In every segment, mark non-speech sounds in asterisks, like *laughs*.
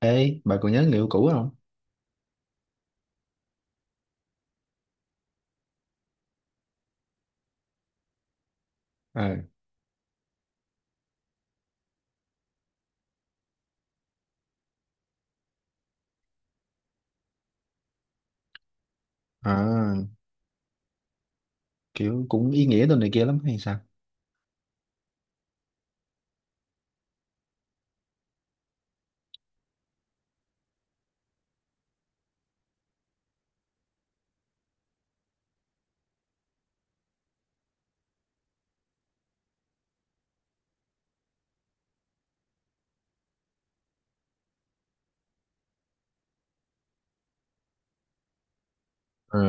Bà còn nhớ người yêu cũ không? À. À. Kiểu cũng ý nghĩa đồ này kia lắm hay sao? Ờ.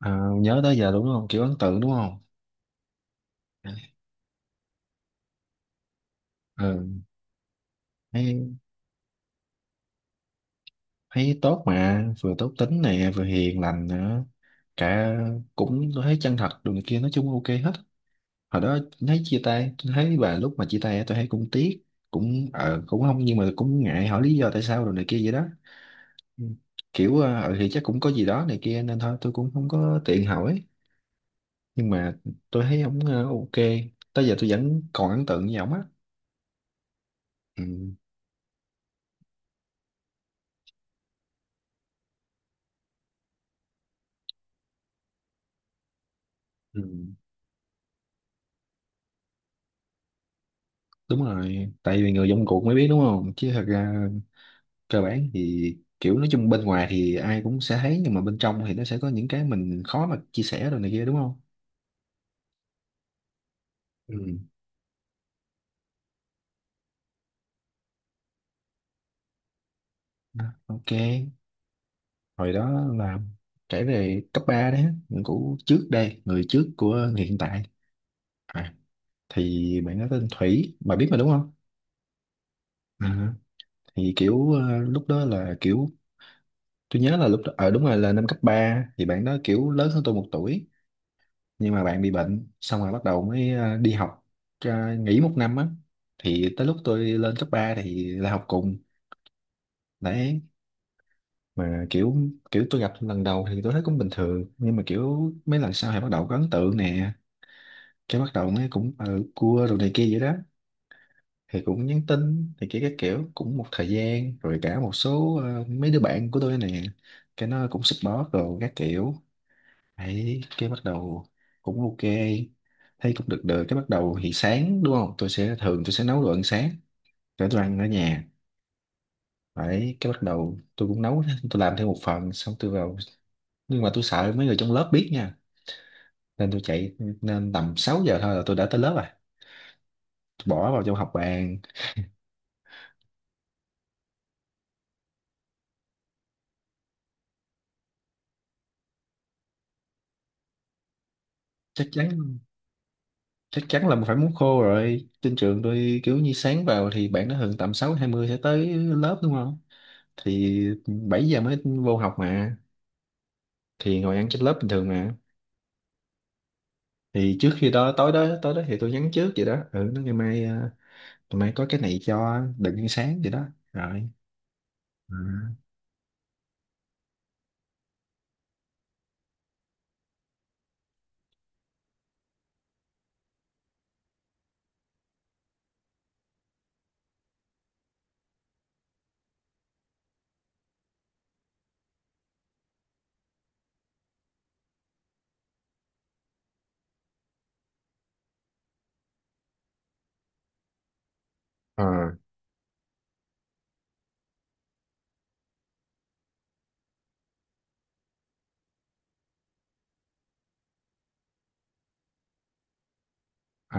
À. Ờ, nhớ tới giờ đúng không? Kiểu ấn tượng đúng không? ờ, Thấy, thấy tốt mà, vừa tốt tính nè, vừa hiền lành nữa. Cả Cũng tôi thấy chân thật đồ này kia, nói chung ok hết. Hồi đó thấy chia tay, tôi thấy bà lúc mà chia tay á, tôi thấy cũng tiếc. Cũng cũng không, nhưng mà cũng ngại hỏi lý do tại sao đồ này kia vậy đó. Ừ. Kiểu thì chắc cũng có gì đó này kia nên thôi tôi cũng không có tiện hỏi. Nhưng mà tôi thấy ổng ok, tới giờ tôi vẫn còn ấn tượng với ổng á. Ừ. Ừ. Đúng rồi, tại vì người trong cuộc mới biết đúng không, chứ thật ra cơ bản thì kiểu nói chung bên ngoài thì ai cũng sẽ thấy, nhưng mà bên trong thì nó sẽ có những cái mình khó mà chia sẻ rồi này kia đúng không. Ừ. Ừ, ok. Hồi đó là kể về cấp 3 đấy, người cũ trước đây, người trước của người hiện tại. à, thì bạn nói tên Thủy bà biết mà đúng không. à, thì kiểu lúc đó là kiểu tôi nhớ là lúc đó ở đúng rồi là năm cấp ba, thì bạn đó kiểu lớn hơn tôi một tuổi, nhưng mà bạn bị bệnh xong rồi bắt đầu mới đi học, nghỉ một năm á. Thì tới lúc tôi lên cấp 3 thì là học cùng đấy. Mà kiểu kiểu tôi gặp lần đầu thì tôi thấy cũng bình thường, nhưng mà kiểu mấy lần sau thì bắt đầu có ấn tượng nè. Cái bắt đầu mới cũng cua đồ này kia vậy đó. Thì cũng nhắn tin thì kia các kiểu cũng một thời gian rồi, cả một số mấy đứa bạn của tôi nè, cái nó cũng support đồ các kiểu. Đấy, cái bắt đầu cũng ok, thấy cũng được được. Cái bắt đầu thì sáng đúng không, tôi sẽ thường tôi sẽ nấu đồ ăn sáng để tôi ăn ở nhà. Đấy, cái bắt đầu tôi cũng nấu, tôi làm thêm một phần xong tôi vào. Nhưng mà tôi sợ mấy người trong lớp biết nha, nên tôi chạy, nên tầm 6 giờ thôi là tôi đã tới lớp rồi, tôi bỏ vào trong học bàn. Chắc chắn chắc chắn là phải muốn khô rồi. Trên trường tôi kiểu như sáng vào thì bạn nó thường tầm 6:20 sẽ tới lớp đúng không, thì 7 giờ mới vô học mà, thì ngồi ăn trên lớp bình thường mà. Thì trước khi đó, tối đó thì tôi nhắn trước vậy đó, nó ngày mai, ngày mai có cái này cho, đừng ăn sáng vậy đó, rồi. Ừ. ờ ờ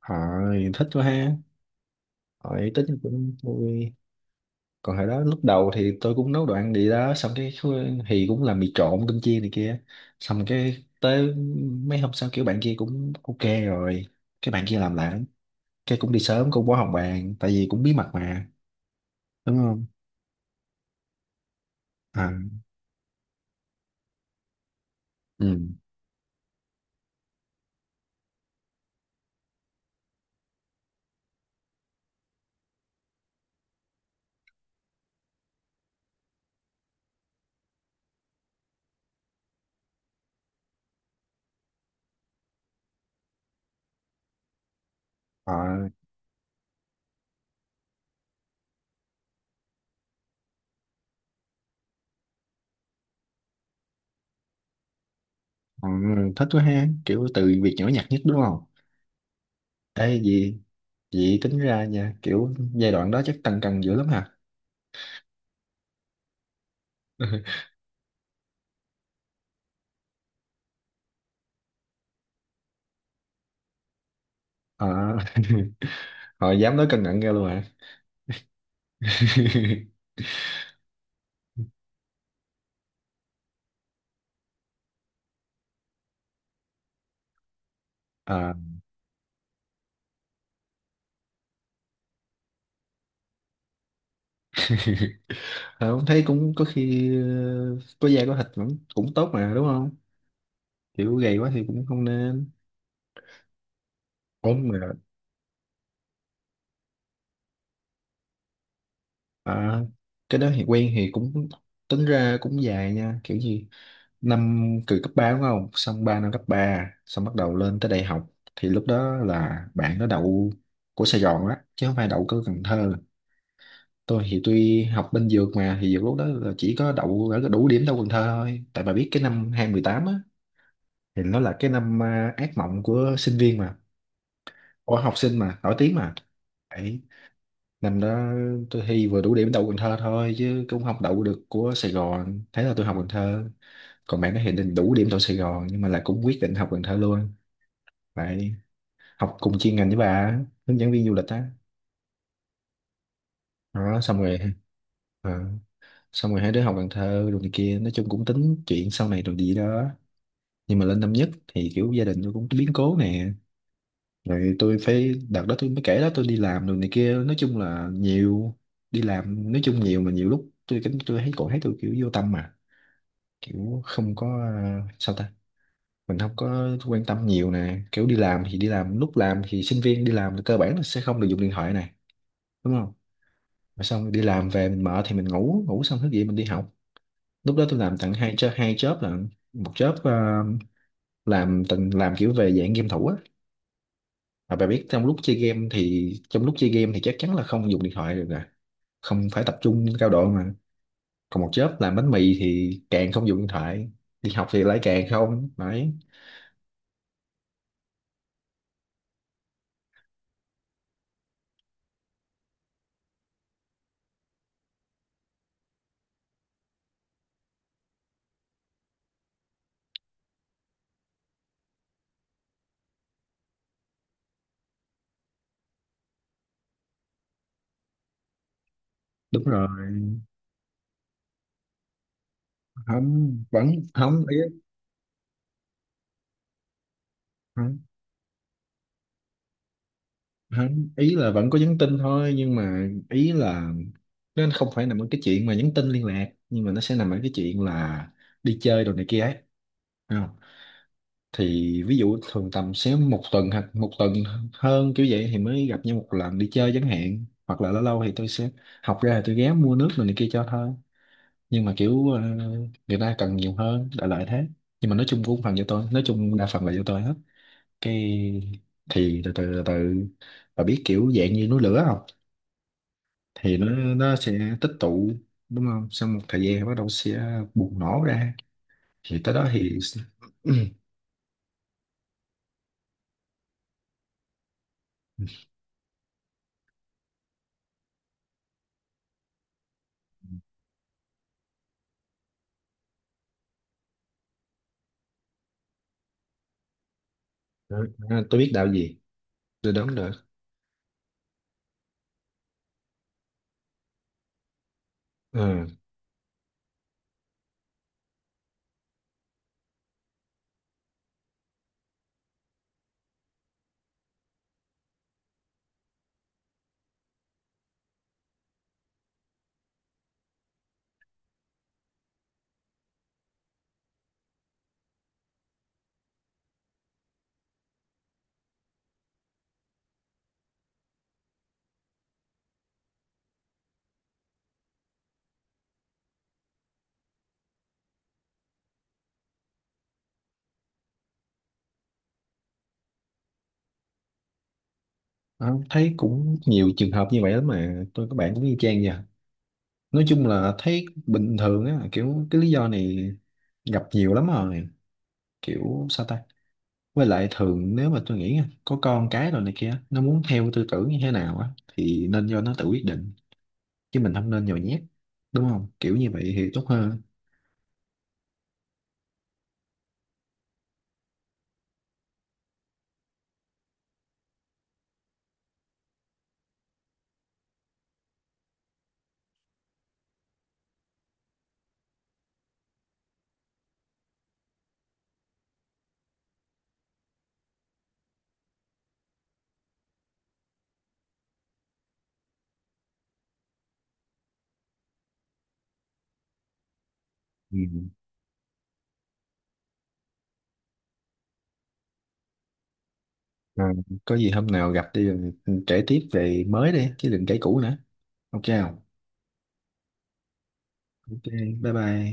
Hỏi thích quá ha, hỏi tính cũng vui. Còn hồi đó lúc đầu thì tôi cũng nấu đồ ăn gì đó xong cái thì cũng làm mì trộn cơm chiên này kia. Xong cái tới mấy hôm sau kiểu bạn kia cũng ok rồi, cái bạn kia làm lại, cái cũng đi sớm cũng bỏ hồng bàn, tại vì cũng bí mật mà đúng không. À. Ừ. Ừ, thích quá ha, kiểu từ việc nhỏ nhặt nhất đúng không. Ê gì, vậy tính ra nha, kiểu giai đoạn đó chắc tăng cân dữ lắm hả? *laughs* à, *laughs* họ dám nói cân nặng ra luôn hả? *laughs* à, Không, thấy cũng có khi có da có thịt vẫn cũng tốt mà đúng không, kiểu gầy quá thì cũng không nên ốm mà. à, cái đó thì quen thì cũng tính ra cũng dài nha, kiểu gì năm, từ cấp 3 đúng không, xong 3 năm cấp 3, xong bắt đầu lên tới đại học. Thì lúc đó là bạn nó đậu của Sài Gòn á chứ không phải đậu của Cần Thơ. Tôi thì tuy học bên dược, mà thì dược lúc đó là chỉ có đậu ở cái đủ điểm đậu Cần Thơ thôi, tại bà biết cái năm 2018 á, thì nó là cái năm ác mộng của sinh viên mà, của học sinh mà, nổi tiếng mà. Đấy. Năm đó tôi thi vừa đủ điểm đậu Cần Thơ thôi chứ cũng không đậu được của Sài Gòn. Thế là tôi học Cần Thơ. Còn bạn nó thì định đủ điểm đậu Sài Gòn nhưng mà là cũng quyết định học Cần Thơ luôn. Lại học cùng chuyên ngành với bà, hướng dẫn viên du lịch á. Đó xong rồi, ờ, xong rồi hai đứa học Cần Thơ rồi này kia, nói chung cũng tính chuyện sau này rồi gì đó. Nhưng mà lên năm nhất thì kiểu gia đình tôi cũng có biến cố nè, rồi tôi phải, đợt đó tôi mới kể đó, tôi đi làm rồi này kia, nói chung là nhiều, đi làm nói chung nhiều, mà nhiều lúc tôi cảm tôi thấy cổ thấy tôi kiểu vô tâm mà, kiểu không có, sao ta, mình không có quan tâm nhiều nè. Kiểu đi làm thì đi làm, lúc làm thì sinh viên đi làm thì cơ bản là sẽ không được dùng điện thoại này đúng không. Rồi xong đi làm về mình mở thì mình ngủ ngủ xong thức dậy mình đi học. Lúc đó tôi làm tận hai job, hai job là một job làm từng làm kiểu về dạng game thủ á, mà bà biết trong lúc chơi game thì trong lúc chơi game thì chắc chắn là không dùng điện thoại được rồi, không phải tập trung cao độ mà. Còn một job làm bánh mì thì càng không dùng điện thoại, đi học thì lại càng không đấy. Đúng rồi. Không vẫn không. Không, ý là vẫn có nhắn tin thôi, nhưng mà ý là nó không phải nằm ở cái chuyện mà nhắn tin liên lạc, nhưng mà nó sẽ nằm ở cái chuyện là đi chơi đồ này kia ấy. Thấy không? Thì ví dụ thường tầm sẽ một tuần hoặc một tuần hơn kiểu vậy thì mới gặp nhau một lần đi chơi chẳng hạn, hoặc là lâu lâu thì tôi sẽ học ra thì tôi ghé mua nước rồi này kia cho thôi. Nhưng mà kiểu người ta cần nhiều hơn, đại loại thế. Nhưng mà nói chung cũng phần cho tôi, nói chung đa phần là do tôi hết. Cái thì từ từ và biết kiểu dạng như núi lửa không, thì nó sẽ tích tụ, đúng không, sau một thời gian bắt đầu sẽ bùng nổ ra, thì tới đó thì *clears throat* Ừ, tôi biết đạo gì, tôi đoán được. Ừ. Ờ, thấy cũng nhiều trường hợp như vậy lắm mà, tôi các bạn cũng y chang vậy, nói chung là thấy bình thường á, kiểu cái lý do này gặp nhiều lắm rồi, kiểu sao ta, với lại thường nếu mà tôi nghĩ nha, có con cái rồi này kia nó muốn theo tư tưởng như thế nào á thì nên do nó tự quyết định chứ mình không nên nhồi nhét, đúng không, kiểu như vậy thì tốt hơn. Ừ. Rồi, có gì hôm nào gặp đi rồi kể tiếp về mới đi chứ đừng kể cũ nữa, ok không? Ok bye bye.